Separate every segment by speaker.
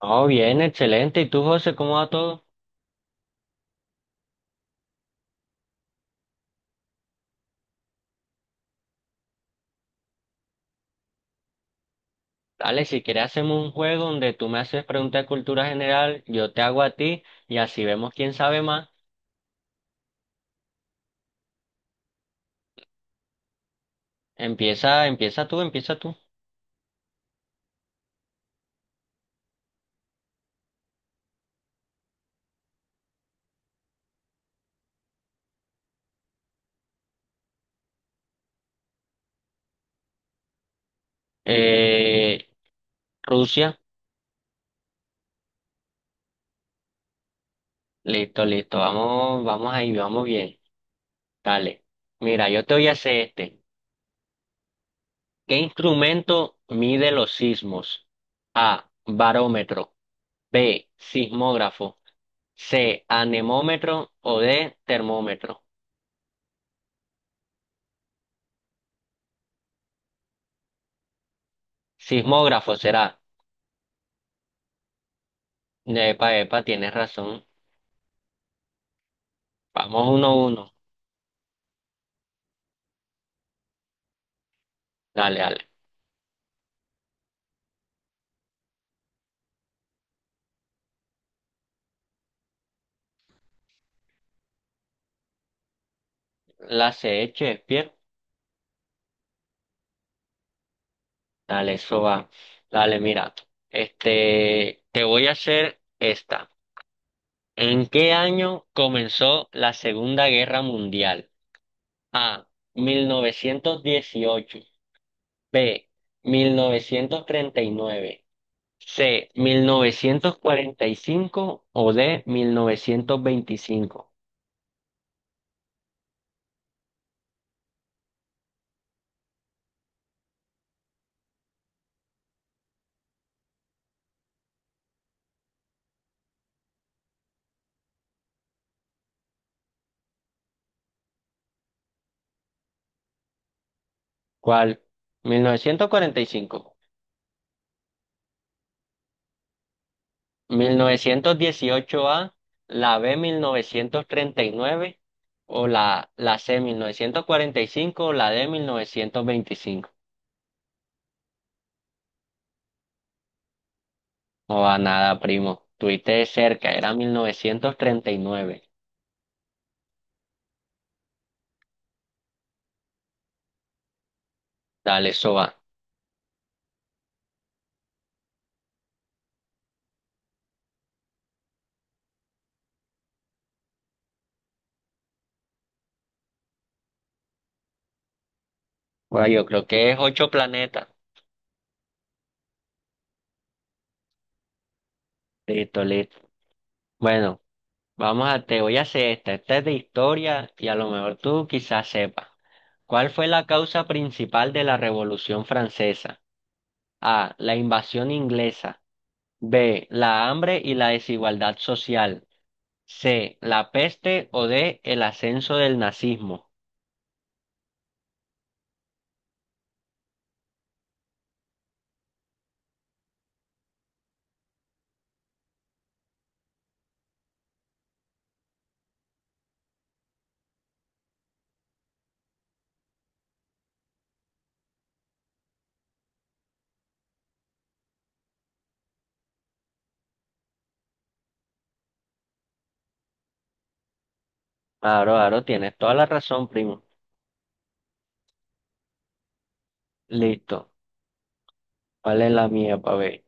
Speaker 1: Oh, bien, excelente. ¿Y tú, José, cómo va todo? Dale, si quieres hacemos un juego donde tú me haces preguntas de cultura general, yo te hago a ti y así vemos quién sabe más. Empieza, empieza tú, empieza tú. Eh, Rusia, listo, listo. Vamos, vamos ahí, vamos bien. Dale. Mira, yo te voy a hacer este. ¿Qué instrumento mide los sismos? A, barómetro. B, sismógrafo. C, anemómetro o D, termómetro. Sismógrafo será. Epa, epa, tienes razón. Vamos uno a uno. Dale, dale. La CH, Shakespeare. Dale, eso va. Dale, mira. Te voy a hacer esta. ¿En qué año comenzó la Segunda Guerra Mundial? A. 1918. B. 1939. C. 1945 o D. 1925. ¿Cuál? 1945. 1918A, la B 1939 o la C 1945 o la D 1925. No va nada, primo. Tuviste de cerca, era 1939. Dale, eso va. Bueno, yo creo que es ocho planetas. Listo, listo. Bueno, te voy a hacer esta. Esta es de historia y a lo mejor tú quizás sepas. ¿Cuál fue la causa principal de la Revolución Francesa? A. La invasión inglesa. B. La hambre y la desigualdad social. C. La peste o D. El ascenso del nazismo. Claro, claro, tienes toda la razón, primo. Listo. ¿Cuál es la mía, pa' ver?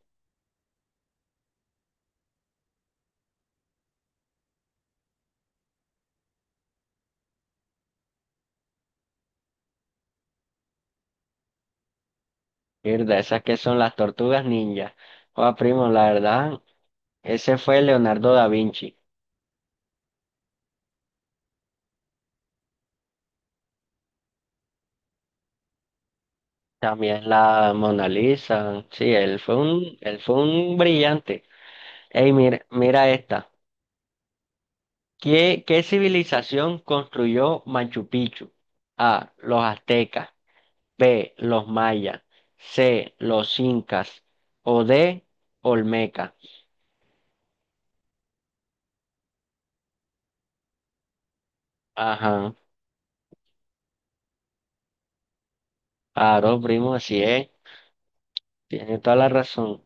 Speaker 1: Mierda, esas que son las tortugas ninja. Joder, primo, la verdad, ese fue Leonardo da Vinci. También la Mona Lisa. Sí, él fue un brillante. Ey, mira, mira esta. ¿Qué civilización construyó Machu Picchu? A. Los aztecas. B, los mayas, C, los incas o D, Olmeca. Ajá, claro, primo, así es, tiene toda la razón.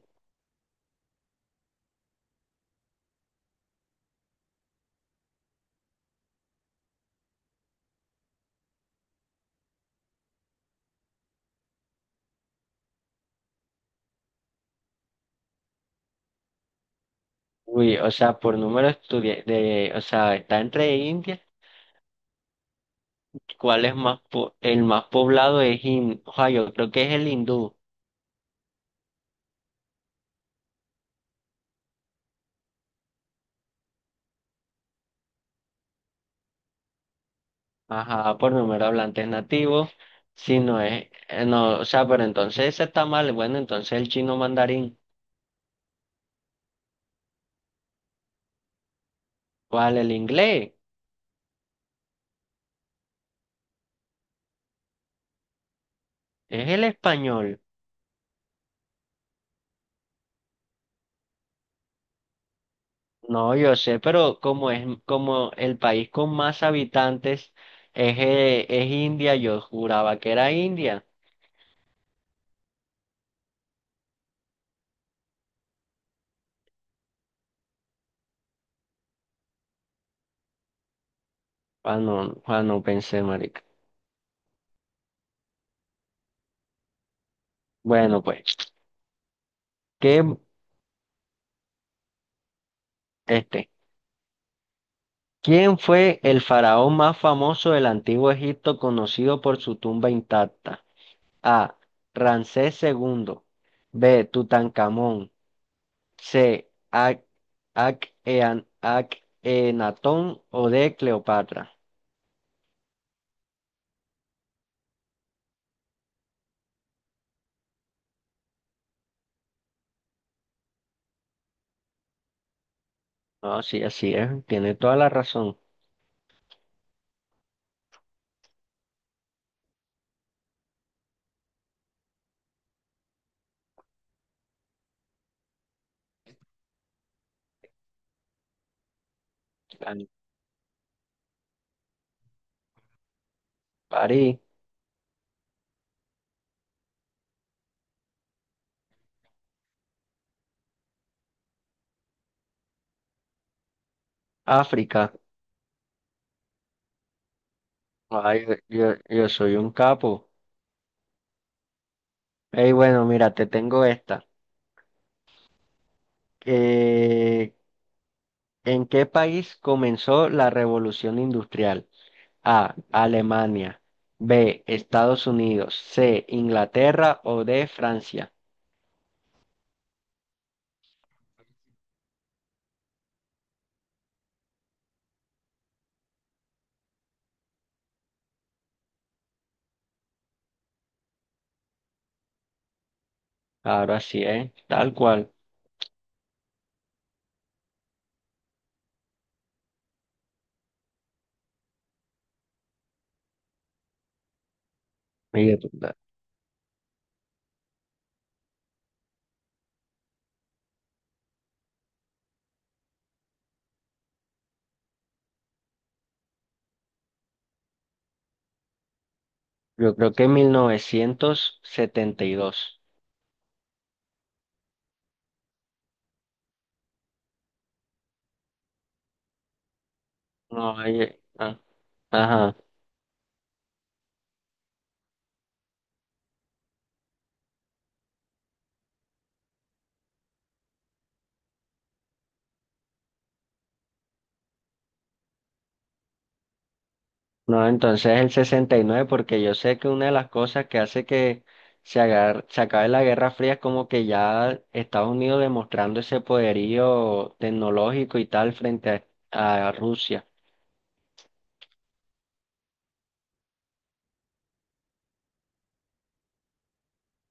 Speaker 1: Uy, o sea, por número de, o sea, está entre India. ¿Cuál es más el más poblado es oja, yo creo que es el hindú. Ajá, por número de hablantes nativos, si no es, no, o sea, pero entonces ese está mal, bueno, entonces el chino mandarín, ¿cuál? El inglés, es el español. No, yo sé, pero como es como el país con más habitantes es India, yo juraba que era India. Ah no, ah no pensé, marica. Bueno, pues, ¿qué, este, ¿quién fue el faraón más famoso del antiguo Egipto conocido por su tumba intacta? A. Ramsés II. B. Tutankamón. C. Enatón o D. Cleopatra. No, sí, así es, tiene toda la razón. En París, África. Ay, yo soy un capo. Ey, bueno, mira, te tengo esta. Eh, ¿en qué país comenzó la Revolución Industrial? A, Alemania. B, Estados Unidos. C, Inglaterra o D, Francia. Ahora sí, ¿eh? Tal cual. Oye, yo creo que en 1972. No, oye, ah, ajá. No, entonces el 69, porque yo sé que una de las cosas que hace que se acabe la Guerra Fría es como que ya Estados Unidos demostrando ese poderío tecnológico y tal frente a Rusia.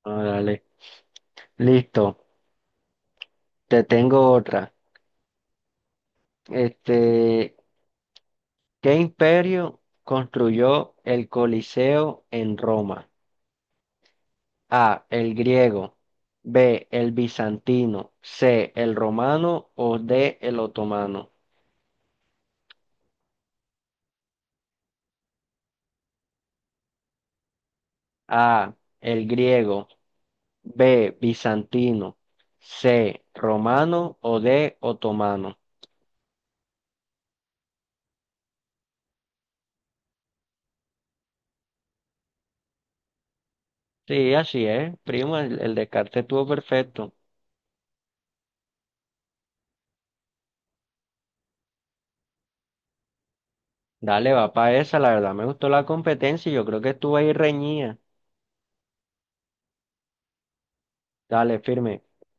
Speaker 1: Ah, dale. Listo, te tengo otra. Este, ¿qué imperio construyó el Coliseo en Roma? A, el griego, B, el bizantino, C, el romano o D, el otomano. A, el griego, B, bizantino, C, romano o D, otomano. Sí, así es, primo, el descarte estuvo perfecto. Dale, va para esa, la verdad me gustó la competencia y yo creo que estuvo ahí reñida. Dale, firme.